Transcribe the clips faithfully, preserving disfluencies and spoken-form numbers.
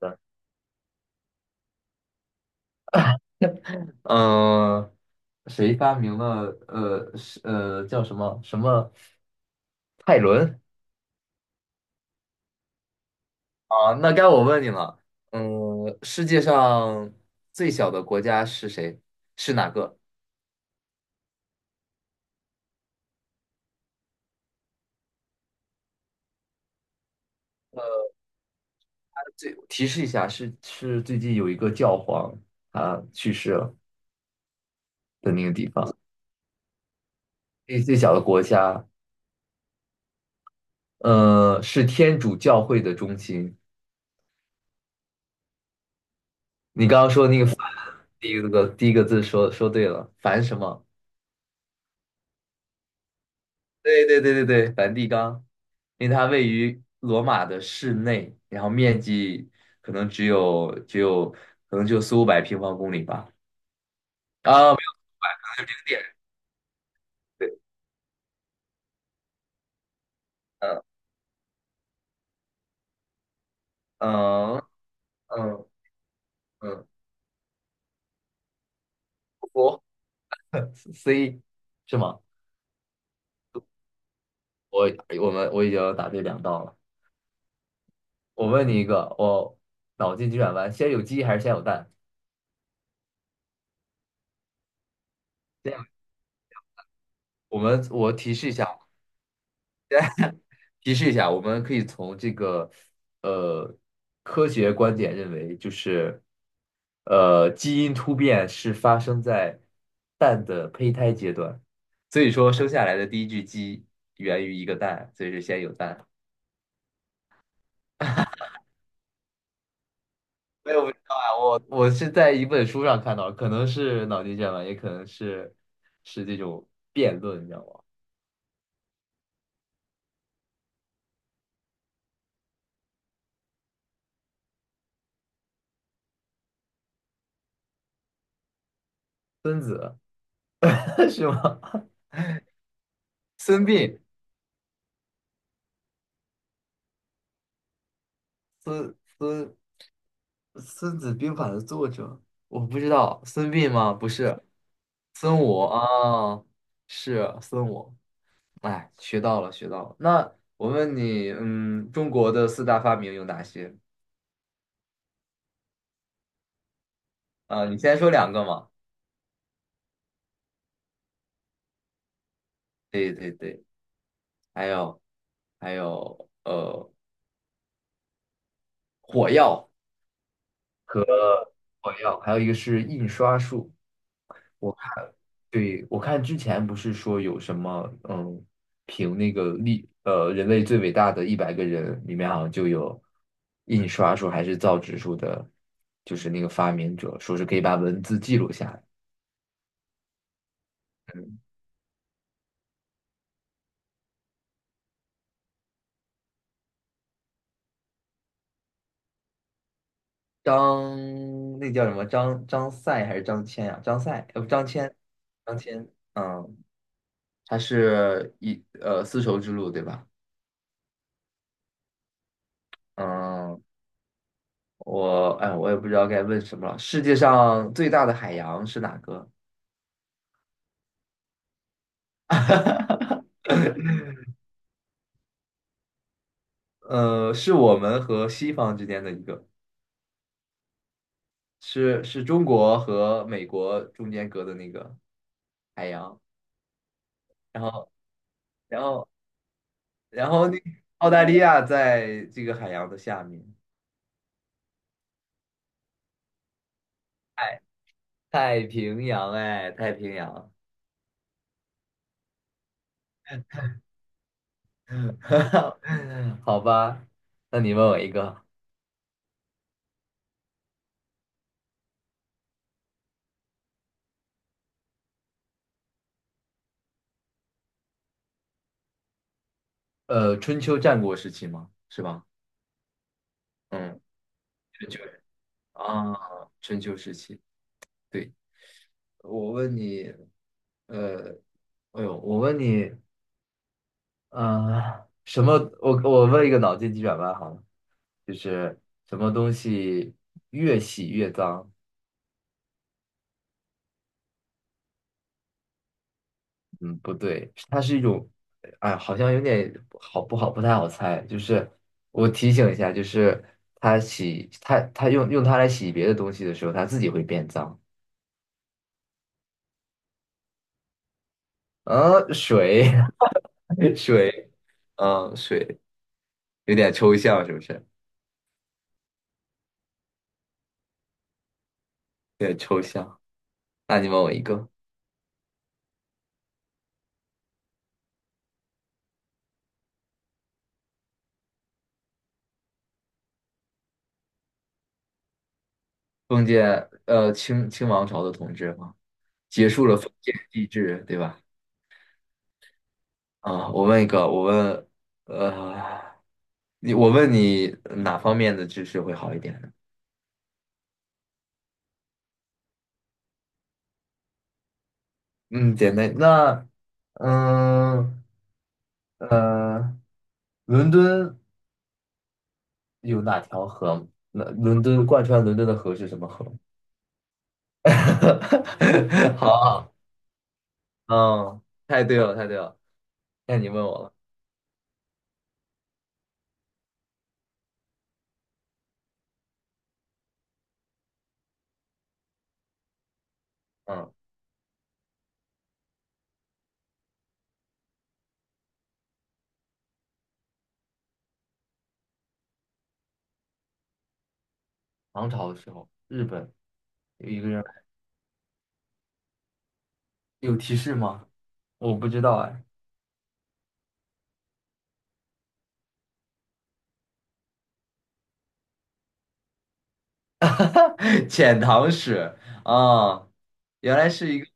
的，呃，谁发明了呃是呃叫什么什么泰伦啊？那该我问你了，嗯、世界上最小的国家是谁？是哪个？最提示一下，是是最近有一个教皇他去世了的那个地方，那最小的国家，呃，是天主教会的中心。你刚刚说那个梵，第一个第一个字说说对了，梵什么？对对对对对，梵蒂冈，因为它位于罗马的市内，然后面积可能只有只有可能就四五百平方公里吧。啊，没有点，对，嗯嗯嗯嗯，我 C 是吗？我我们我已经答对两道了。我问你一个，我脑筋急转弯，先有鸡还是先有蛋？先有我们我提示一下，提示一下，我们可以从这个呃科学观点认为，就是呃基因突变是发生在蛋的胚胎阶段，所以说生下来的第一具鸡源于一个蛋，所以是先有蛋。没有，我不知道啊，我我是在一本书上看到，可能是脑筋急转弯，也可能是是这种辩论，你知道吗？孙子 是吗？孙膑。孙孙孙子兵法的作者，我不知道，孙膑吗？不是，孙武啊，是孙武。哎，学到了，学到了。那我问你，嗯，中国的四大发明有哪些？啊、你先说两个嘛。对对对，还有还有呃，火药，火药，还有一个是印刷术。对，我看之前不是说有什么，嗯，评那个历，呃，人类最伟大的一百个人里面好像就有印刷术还是造纸术的，就是那个发明者，说是可以把文字记录下来。嗯，张，那叫什么？张张赛还是张骞呀、张赛，呃，不，张骞，张骞，嗯，他是一呃丝绸之路对吧？嗯，我哎，我也不知道该问什么了。世界上最大的海洋是哪个？呃，是我们和西方之间的一个，是是中国和美国中间隔的那个海洋，然后然后然后那澳大利亚在这个海洋的下面，太平洋哎，太平洋，好吧，那你问我一个，呃，春秋战国时期吗？是吧？嗯，春秋啊，春秋时期，对，我问你，呃，哎呦，我问你。呃，什么？我我问一个脑筋急转弯好了，就是什么东西越洗越脏？嗯，不对，它是一种，哎，好像有点好不好不太好猜。就是我提醒一下，就是它洗它它用用它来洗别的东西的时候，它自己会变脏。啊，水 水，嗯，水有点抽象，是不是？有点抽象。那你问我一个，封建呃清清王朝的统治吗？结束了封建帝制，对吧？啊，我问一个，我问，呃，你我问你哪方面的知识会好一点呢？嗯，简单。那嗯呃，伦敦有哪条河吗那伦敦贯穿伦敦的河是什么河？好，嗯，太对了，太对了。那你问我了，嗯，唐朝的时候，日本有一个人有提示吗？我不知道哎。哈哈，遣唐使啊，原来是一个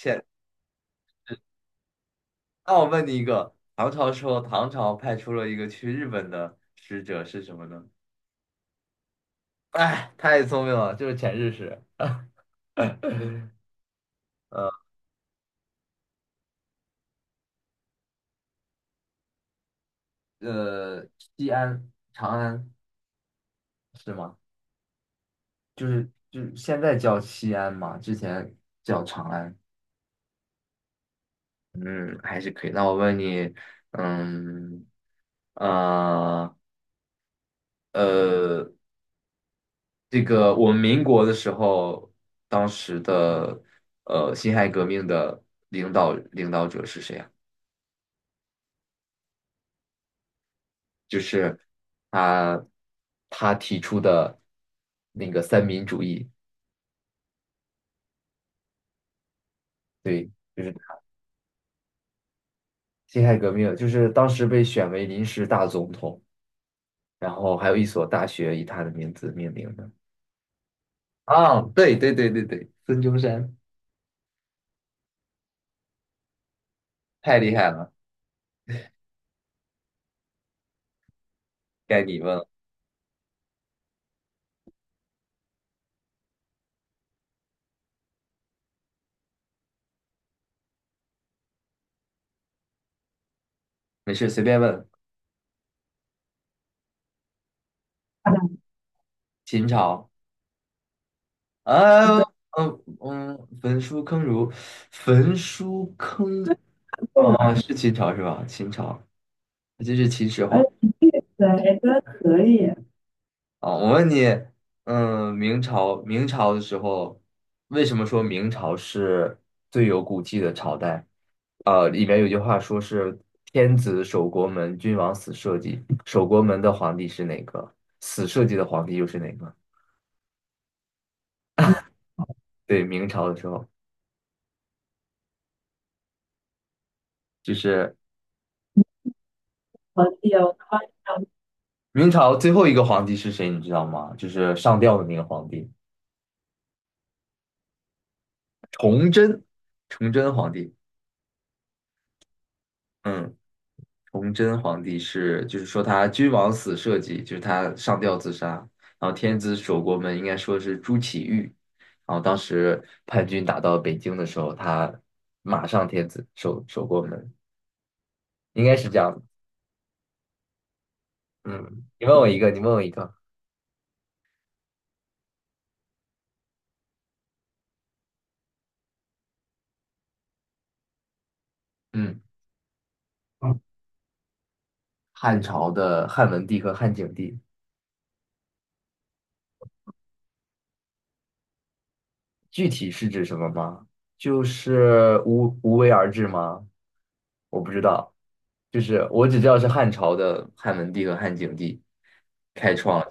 遣。那我问你一个，唐朝时候，唐朝派出了一个去日本的使者是什么呢？哎，太聪明了，就是遣日使。呃呃，西安、长安是吗？就是就是现在叫西安嘛，之前叫长安。嗯，还是可以。那我问你，嗯呃呃，这个我们民国的时候，当时的呃辛亥革命的领导领导者是谁啊？就是他他提出的那个三民主义，对，就是辛亥革命，就是当时被选为临时大总统，然后还有一所大学以他的名字命名的。啊，对对对对对，孙中山，太厉害了，该你问了，没事随便问，秦朝。啊，嗯嗯，焚书坑儒，焚书坑啊，是秦朝是吧？秦朝，这是秦始皇对，都可以。啊。我问你，嗯，明朝明朝的时候，为什么说明朝是最有骨气的朝代？啊，里面有句话说是“天子守国门，君王死社稷”，守国门的皇帝是哪个？死社稷的皇帝又是哪个？对，明朝的时候就是皇帝哦，明朝最后一个皇帝是谁，你知道吗？就是上吊的那个皇帝，崇祯皇帝。嗯，崇祯皇帝是，就是说他君王死社稷，就是他上吊自杀。然后天子守国门，应该说是朱祁钰。然后当时叛军打到北京的时候，他马上天子守守国门，应该是这样的嗯，你问我一个，你问我一个。嗯，汉朝的汉文帝和汉景帝。具体是指什么吗？就是无无为而治吗？我不知道，就是我只知道是汉朝的汉文帝和汉景帝。开创。